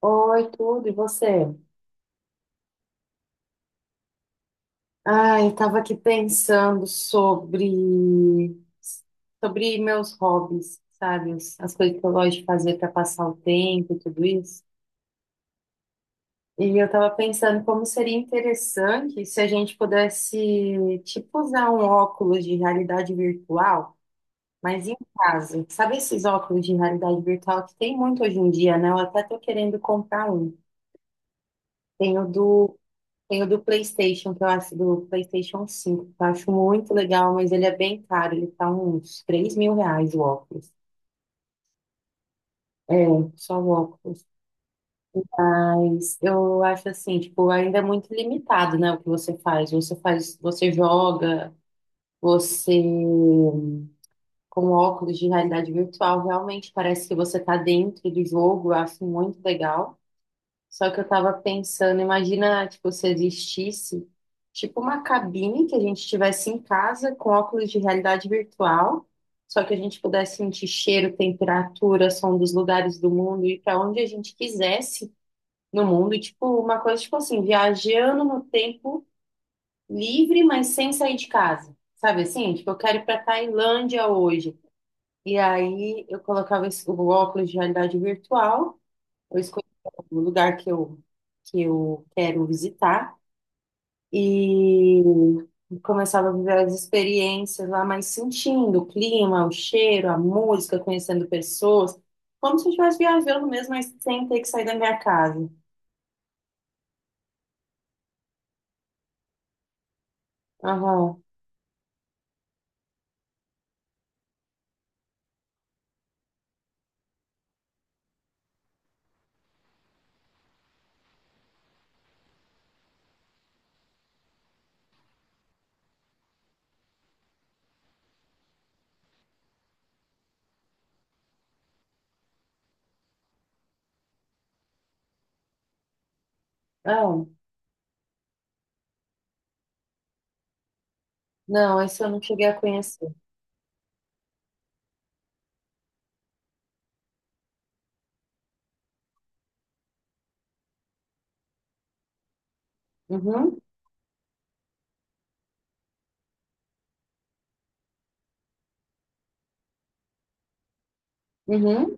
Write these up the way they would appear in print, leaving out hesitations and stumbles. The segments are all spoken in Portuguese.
Oi, tudo, e você? Ai, eu tava aqui pensando sobre meus hobbies, sabe? As coisas que eu gosto de fazer para passar o tempo e tudo isso. E eu tava pensando como seria interessante se a gente pudesse, tipo, usar um óculos de realidade virtual, mas em casa. Sabe esses óculos de realidade virtual que tem muito hoje em dia, né? Eu até tô querendo comprar um. Tem o do Tem o do PlayStation, que eu acho, do PlayStation 5, que eu acho muito legal, mas ele é bem caro, ele tá uns 3 mil reais o óculos. É, só o óculos. Mas eu acho assim, tipo, ainda é muito limitado, né, o que você faz. Você faz, você joga, você com óculos de realidade virtual, realmente parece que você tá dentro do jogo, eu acho muito legal. Só que eu tava pensando, imagina, tipo, se existisse, tipo, uma cabine que a gente tivesse em casa com óculos de realidade virtual, só que a gente pudesse sentir cheiro, temperatura, som dos lugares do mundo e para onde a gente quisesse no mundo, e, tipo, uma coisa, tipo assim, viajando no tempo livre, mas sem sair de casa. Sabe assim? Tipo, eu quero ir para Tailândia hoje. E aí eu colocava o óculos de realidade virtual. Eu escolhi o lugar que que eu quero visitar e começava a viver as experiências lá, mas sentindo o clima, o cheiro, a música, conhecendo pessoas, como se eu estivesse viajando mesmo, mas sem ter que sair da minha casa. Aham. Ah, não, esse eu não cheguei a conhecer. Uhum, uhum,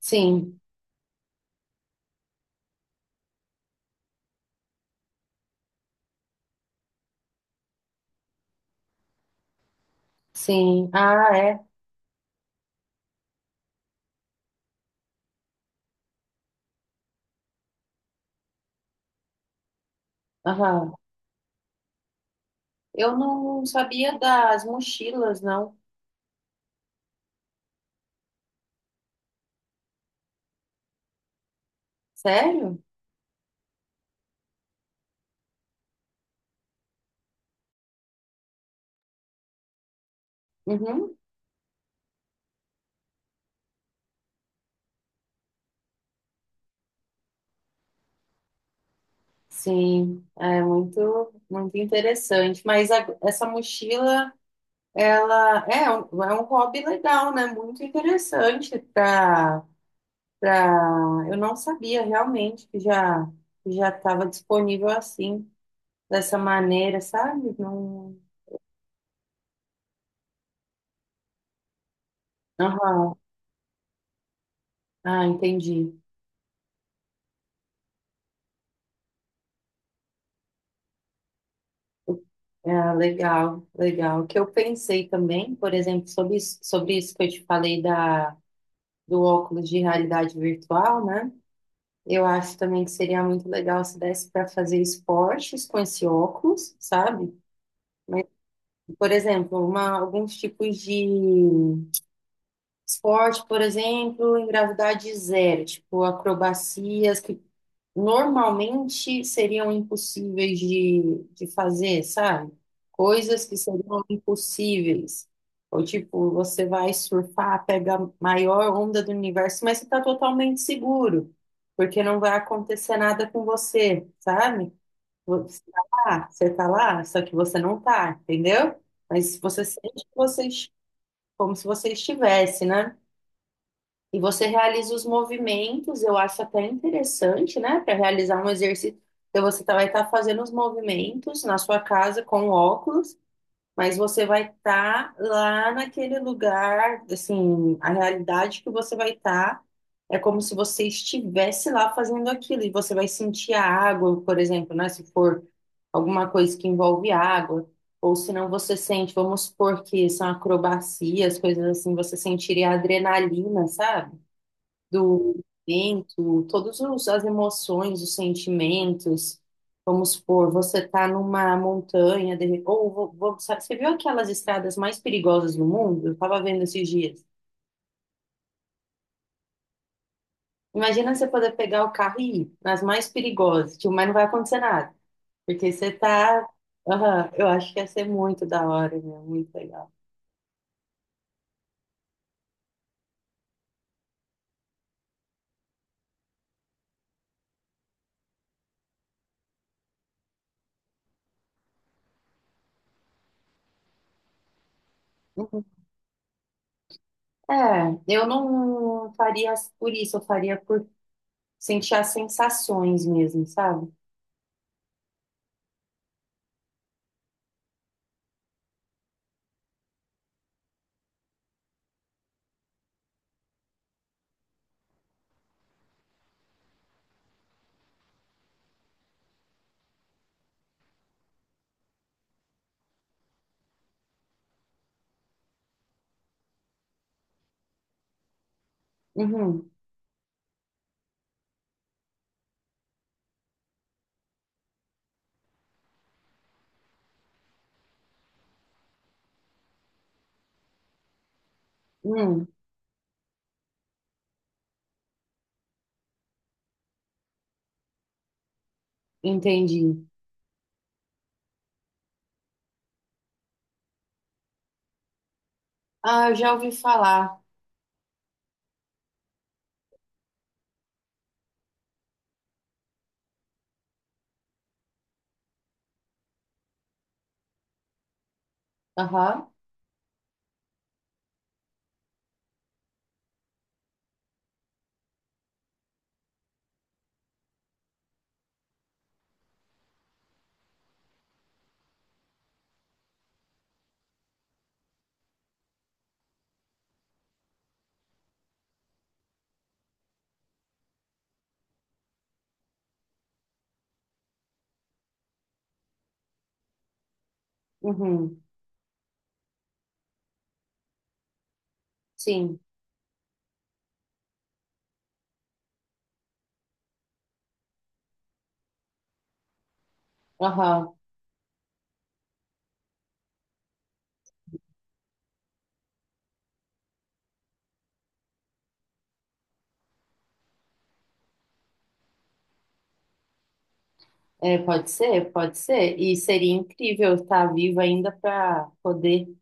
sim, sim. Ah, é. Aham. Eu não sabia das mochilas, não. Sério? Uhum. Sim, é muito, muito interessante. Mas essa mochila, ela é um hobby legal, né? Muito interessante para para eu não sabia realmente que já estava disponível assim, dessa maneira, sabe? Não, aham. Ah, entendi. É, legal, legal. O que eu pensei também, por exemplo, sobre isso que eu te falei do óculos de realidade virtual, né? Eu acho também que seria muito legal se desse para fazer esportes com esse óculos, sabe? Por exemplo, alguns tipos de esporte, por exemplo, em gravidade zero, tipo acrobacias que normalmente seriam impossíveis de fazer, sabe? Coisas que seriam impossíveis. Ou tipo, você vai surfar, pega a maior onda do universo, mas você está totalmente seguro, porque não vai acontecer nada com você, sabe? Você tá lá, só que você não tá, entendeu? Mas você sente que você, como se você estivesse, né? E você realiza os movimentos, eu acho até interessante, né? Para realizar um exercício, então você vai estar fazendo os movimentos na sua casa com óculos, mas você vai estar lá naquele lugar, assim, a realidade que você vai estar é como se você estivesse lá fazendo aquilo, e você vai sentir a água, por exemplo, né? Se for alguma coisa que envolve água, ou se não você sente, vamos supor que são acrobacias, coisas assim, você sentiria a adrenalina, sabe? Do momento, todas as emoções, os sentimentos. Vamos supor, você está numa montanha, sabe, você viu aquelas estradas mais perigosas do mundo? Eu estava vendo esses dias. Imagina você poder pegar o carro e ir nas mais perigosas, tipo, mas não vai acontecer nada, porque você está. Aham, eu acho que ia ser muito da hora, meu, muito legal. Uhum. É, eu não faria por isso, eu faria por sentir as sensações mesmo, sabe? Uhum. Uhum. Entendi. Ah, eu já ouvi falar. Aham. Uhum. Sim. Aham. É, pode ser, pode ser. E seria incrível estar viva ainda para poder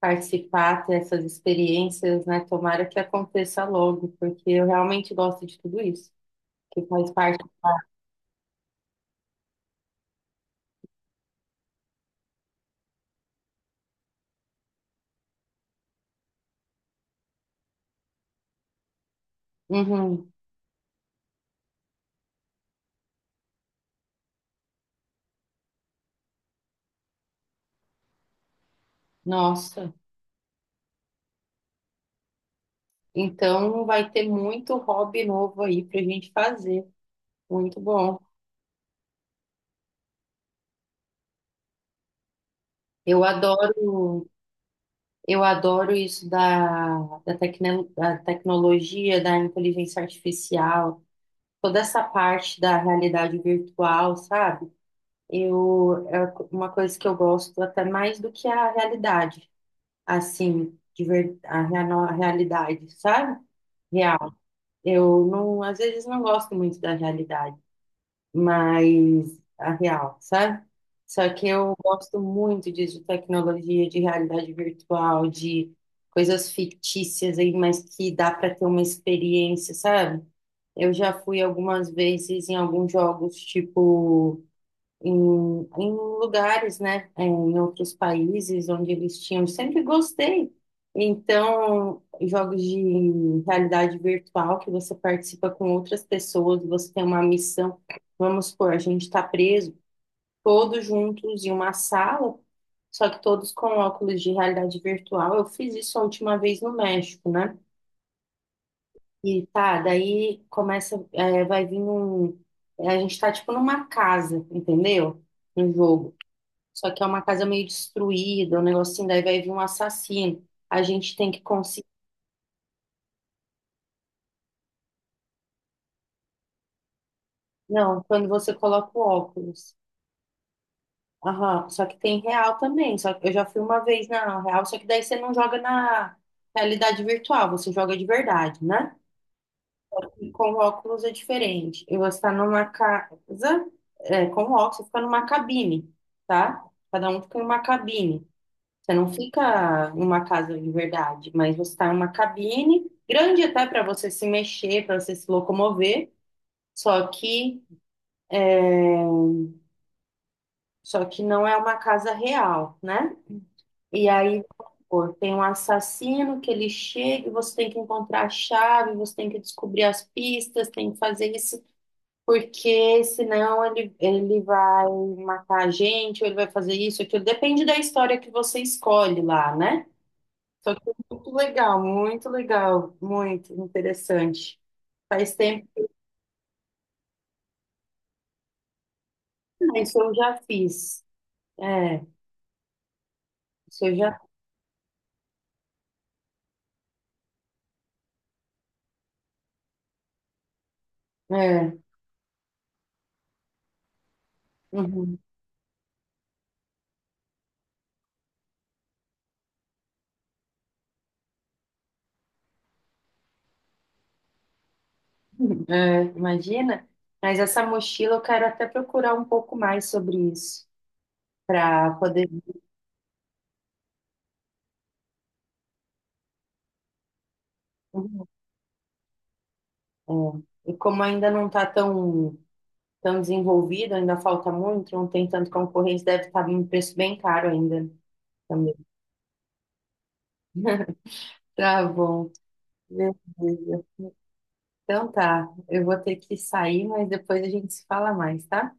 participar, ter essas experiências, né? Tomara que aconteça logo, porque eu realmente gosto de tudo isso, que faz parte. Uhum. Nossa. Então vai ter muito hobby novo aí pra gente fazer. Muito bom. Eu adoro. Eu adoro isso da tecnologia, da inteligência artificial, toda essa parte da realidade virtual, sabe? É uma coisa que eu gosto até mais do que a realidade, assim, de ver, a realidade, sabe? Real. Eu não, às vezes não gosto muito da realidade mais a real, sabe? Só que eu gosto muito disso, de tecnologia, de realidade virtual, de coisas fictícias aí, mas que dá para ter uma experiência, sabe? Eu já fui algumas vezes em alguns jogos, tipo em lugares, né, em outros países onde eles tinham. Sempre gostei. Então, jogos de realidade virtual que você participa com outras pessoas, você tem uma missão. Vamos supor, a gente está preso todos juntos em uma sala, só que todos com óculos de realidade virtual. Eu fiz isso a última vez no México, né? E tá, daí começa, vai vir um. A gente tá tipo numa casa, entendeu? No jogo. Só que é uma casa meio destruída, um negocinho, daí vai vir um assassino. A gente tem que conseguir. Não, quando você coloca o óculos. Aham, só que tem real também. Só que eu já fui uma vez na real, só que daí você não joga na realidade virtual, você joga de verdade, né? E com óculos é diferente. E você está numa casa, com óculos, você fica numa cabine, tá? Cada um fica em uma cabine. Você não fica em uma casa de verdade, mas você está em uma cabine grande até para você se mexer, para você se locomover, só que só que não é uma casa real, né? E aí, pô, tem um assassino que ele chega e você tem que encontrar a chave, você tem que descobrir as pistas, tem que fazer isso, porque senão ele vai matar a gente, ou ele vai fazer isso, aquilo. Depende da história que você escolhe lá, né? Só que é muito legal, muito legal, muito interessante. Faz tempo, mas isso eu já fiz. É, isso eu já. É, uhum, é, imagina. Mas essa mochila eu quero até procurar um pouco mais sobre isso, para poder. Uhum, é. E como ainda não está tão, tão desenvolvido, ainda falta muito, não tem tanto concorrência, deve estar um preço bem caro ainda também. Tá bom. Beleza. Então tá, eu vou ter que sair, mas depois a gente se fala mais, tá?